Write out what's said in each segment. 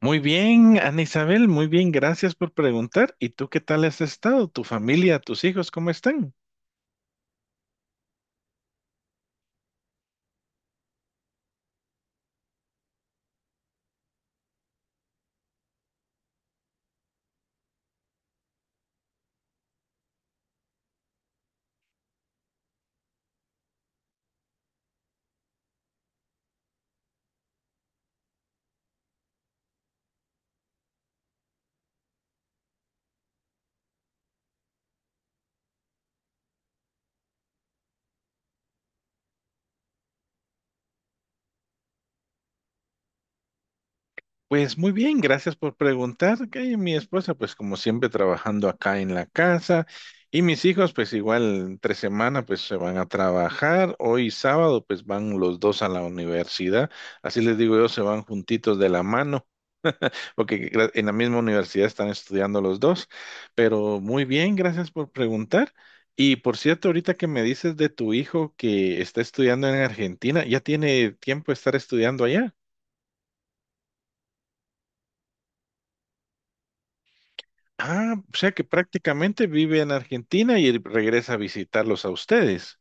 Muy bien, Ana Isabel, muy bien, gracias por preguntar. ¿Y tú qué tal has estado? ¿Tu familia, tus hijos, cómo están? Pues muy bien, gracias por preguntar. Que mi esposa, pues como siempre, trabajando acá en la casa. Y mis hijos, pues igual, tres semana, pues se van a trabajar. Hoy sábado, pues van los dos a la universidad. Así les digo yo, se van juntitos de la mano. Porque en la misma universidad están estudiando los dos. Pero muy bien, gracias por preguntar. Y por cierto, ahorita que me dices de tu hijo que está estudiando en Argentina, ¿ya tiene tiempo de estar estudiando allá? Ah, o sea que prácticamente vive en Argentina y regresa a visitarlos a ustedes.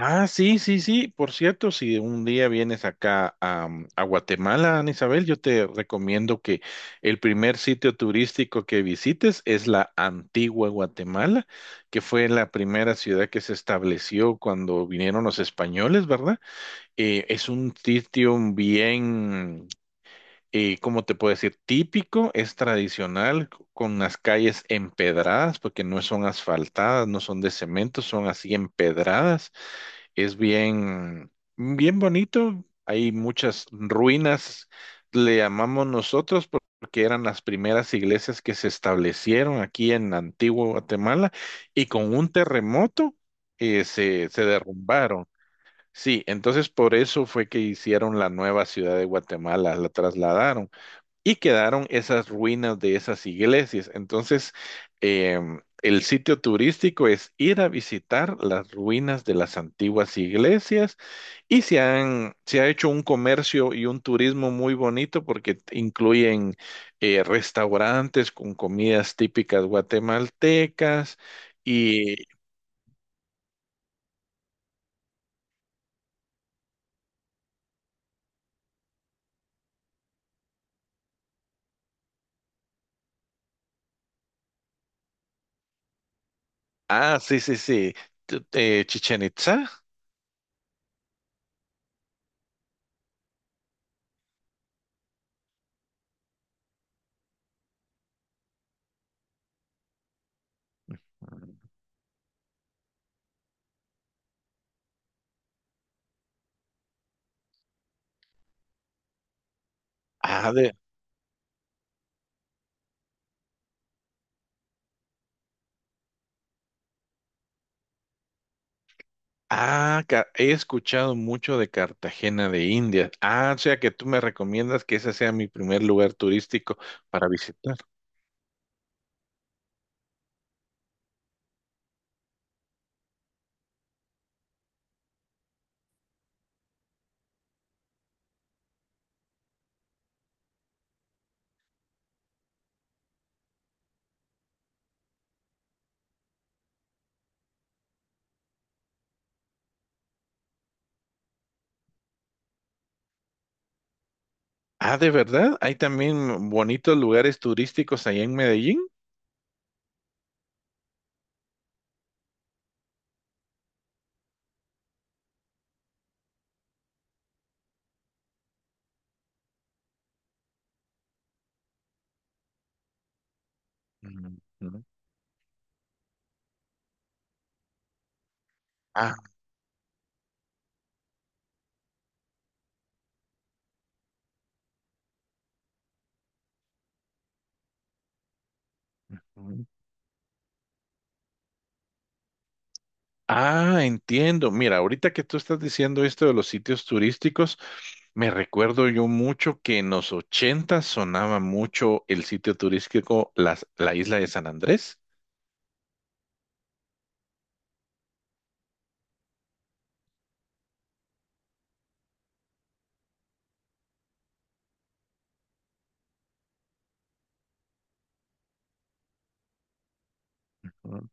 Ah, sí, sí, sí. Por cierto, si un día vienes acá a Guatemala, Ana Isabel, yo te recomiendo que el primer sitio turístico que visites es la antigua Guatemala, que fue la primera ciudad que se estableció cuando vinieron los españoles, ¿verdad? Es un sitio bien, ¿cómo te puedo decir? Típico, es tradicional, con las calles empedradas, porque no son asfaltadas, no son de cemento, son así empedradas. Es bien, bien bonito. Hay muchas ruinas, le llamamos nosotros, porque eran las primeras iglesias que se establecieron aquí en Antigua Guatemala y con un terremoto se derrumbaron. Sí, entonces por eso fue que hicieron la nueva ciudad de Guatemala, la trasladaron y quedaron esas ruinas de esas iglesias. Entonces, el sitio turístico es ir a visitar las ruinas de las antiguas iglesias y se ha hecho un comercio y un turismo muy bonito porque incluyen restaurantes con comidas típicas guatemaltecas y, ah, sí, sí, sí, Chichén Itzá. Ah, de- Ah, he escuchado mucho de Cartagena de Indias. Ah, o sea que tú me recomiendas que ese sea mi primer lugar turístico para visitar. Ah, ¿de verdad? ¿Hay también bonitos lugares turísticos allá en Medellín? Ujú. Ah, ujú. Ah, entiendo. Mira, ahorita que tú estás diciendo esto de los sitios turísticos, me recuerdo yo mucho que en los 80 sonaba mucho el sitio turístico la isla de San Andrés. Ujú,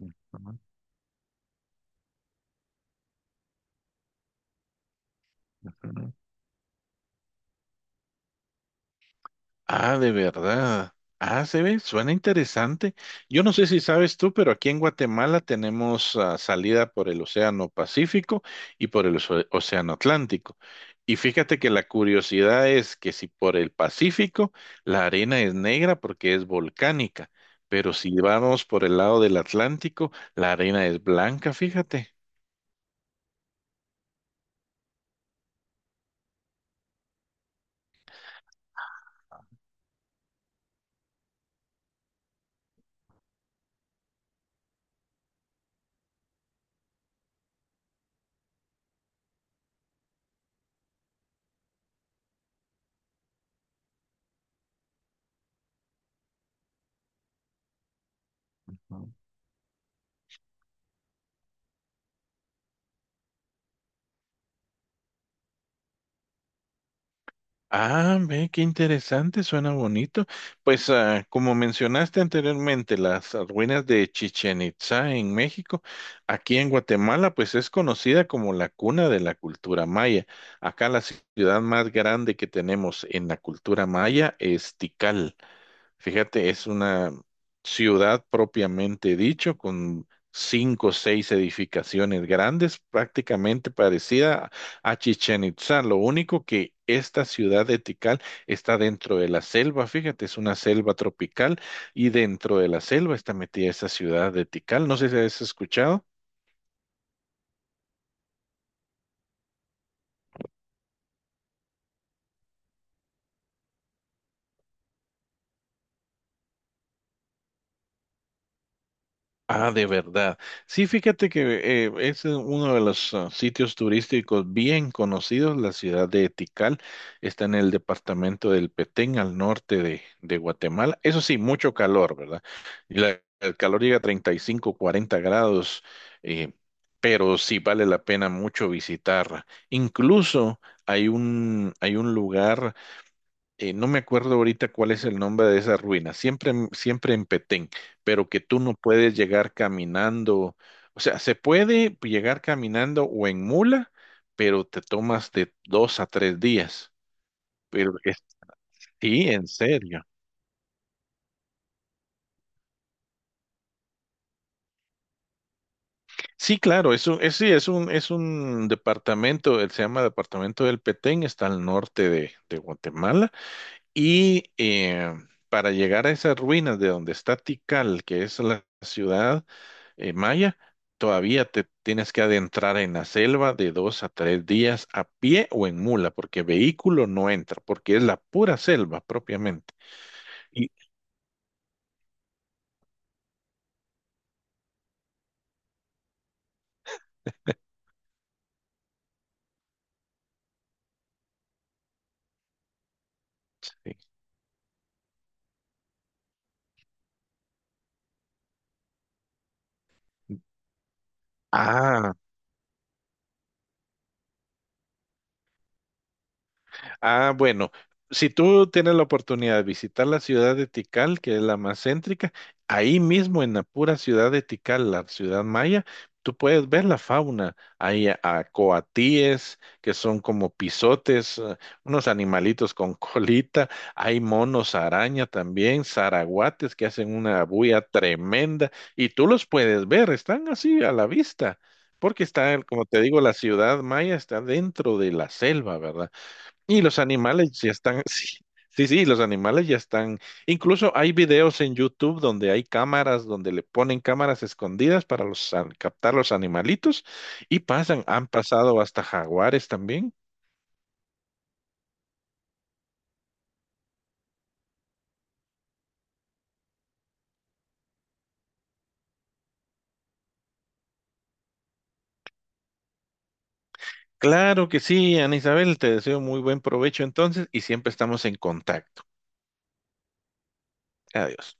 ujú, ujú. Ah, de verdad. Ah, se ve, suena interesante. Yo no sé si sabes tú, pero aquí en Guatemala tenemos, salida por el Océano Pacífico y por el Océano Atlántico. Y fíjate que la curiosidad es que si por el Pacífico la arena es negra porque es volcánica, pero si vamos por el lado del Atlántico, la arena es blanca, fíjate. Ah, ve, qué interesante, suena bonito. Pues, como mencionaste anteriormente, las ruinas de Chichén Itzá en México, aquí en Guatemala, pues es conocida como la cuna de la cultura maya. Acá la ciudad más grande que tenemos en la cultura maya es Tikal. Fíjate, es una ciudad propiamente dicho, con cinco o seis edificaciones grandes, prácticamente parecida a Chichen Itzá. Lo único que esta ciudad de Tikal está dentro de la selva, fíjate, es una selva tropical y dentro de la selva está metida esa ciudad de Tikal. No sé si has escuchado. Ah, de verdad. Sí, fíjate que es uno de los, sitios turísticos bien conocidos, la ciudad de Tikal. Está en el departamento del Petén, al norte de Guatemala. Eso sí, mucho calor, ¿verdad? Y el calor llega a 35, 40 grados, eh, pero sí vale la pena mucho visitarla. Incluso hay un lugar, no me acuerdo ahorita cuál es el nombre de esa ruina, siempre, siempre en Petén, pero que tú no puedes llegar caminando, o sea, se puede llegar caminando o en mula, pero te tomas de 2 a 3 días. Pero es- sí, en serio. Sí, claro, es un, es, sí, es un departamento, él se llama Departamento del Petén, está al norte de Guatemala. Y eh, para llegar a esas ruinas de donde está Tikal, que es la ciudad maya, todavía te tienes que adentrar en la selva de 2 a 3 días a pie o en mula, porque vehículo no entra, porque es la pura selva propiamente. Y- Sí. Ah, ah, bueno, si tú tienes la oportunidad de visitar la ciudad de Tikal, que es la más céntrica, ahí mismo en la pura ciudad de Tikal, la ciudad maya, tú puedes ver la fauna. Hay a coatíes, que son como pisotes, unos animalitos con colita, hay monos araña también, zaraguates que hacen una bulla tremenda, y tú los puedes ver, están así a la vista. Porque está, como te digo, la ciudad maya está dentro de la selva, ¿verdad? Y los animales ya están, sí, sí, sí, los animales ya están. Incluso hay videos en YouTube donde hay cámaras, donde le ponen cámaras escondidas para los, captar los animalitos y pasan, han pasado hasta jaguares también. Claro que sí, Ana Isabel, te deseo muy buen provecho entonces y siempre estamos en contacto. Adiós.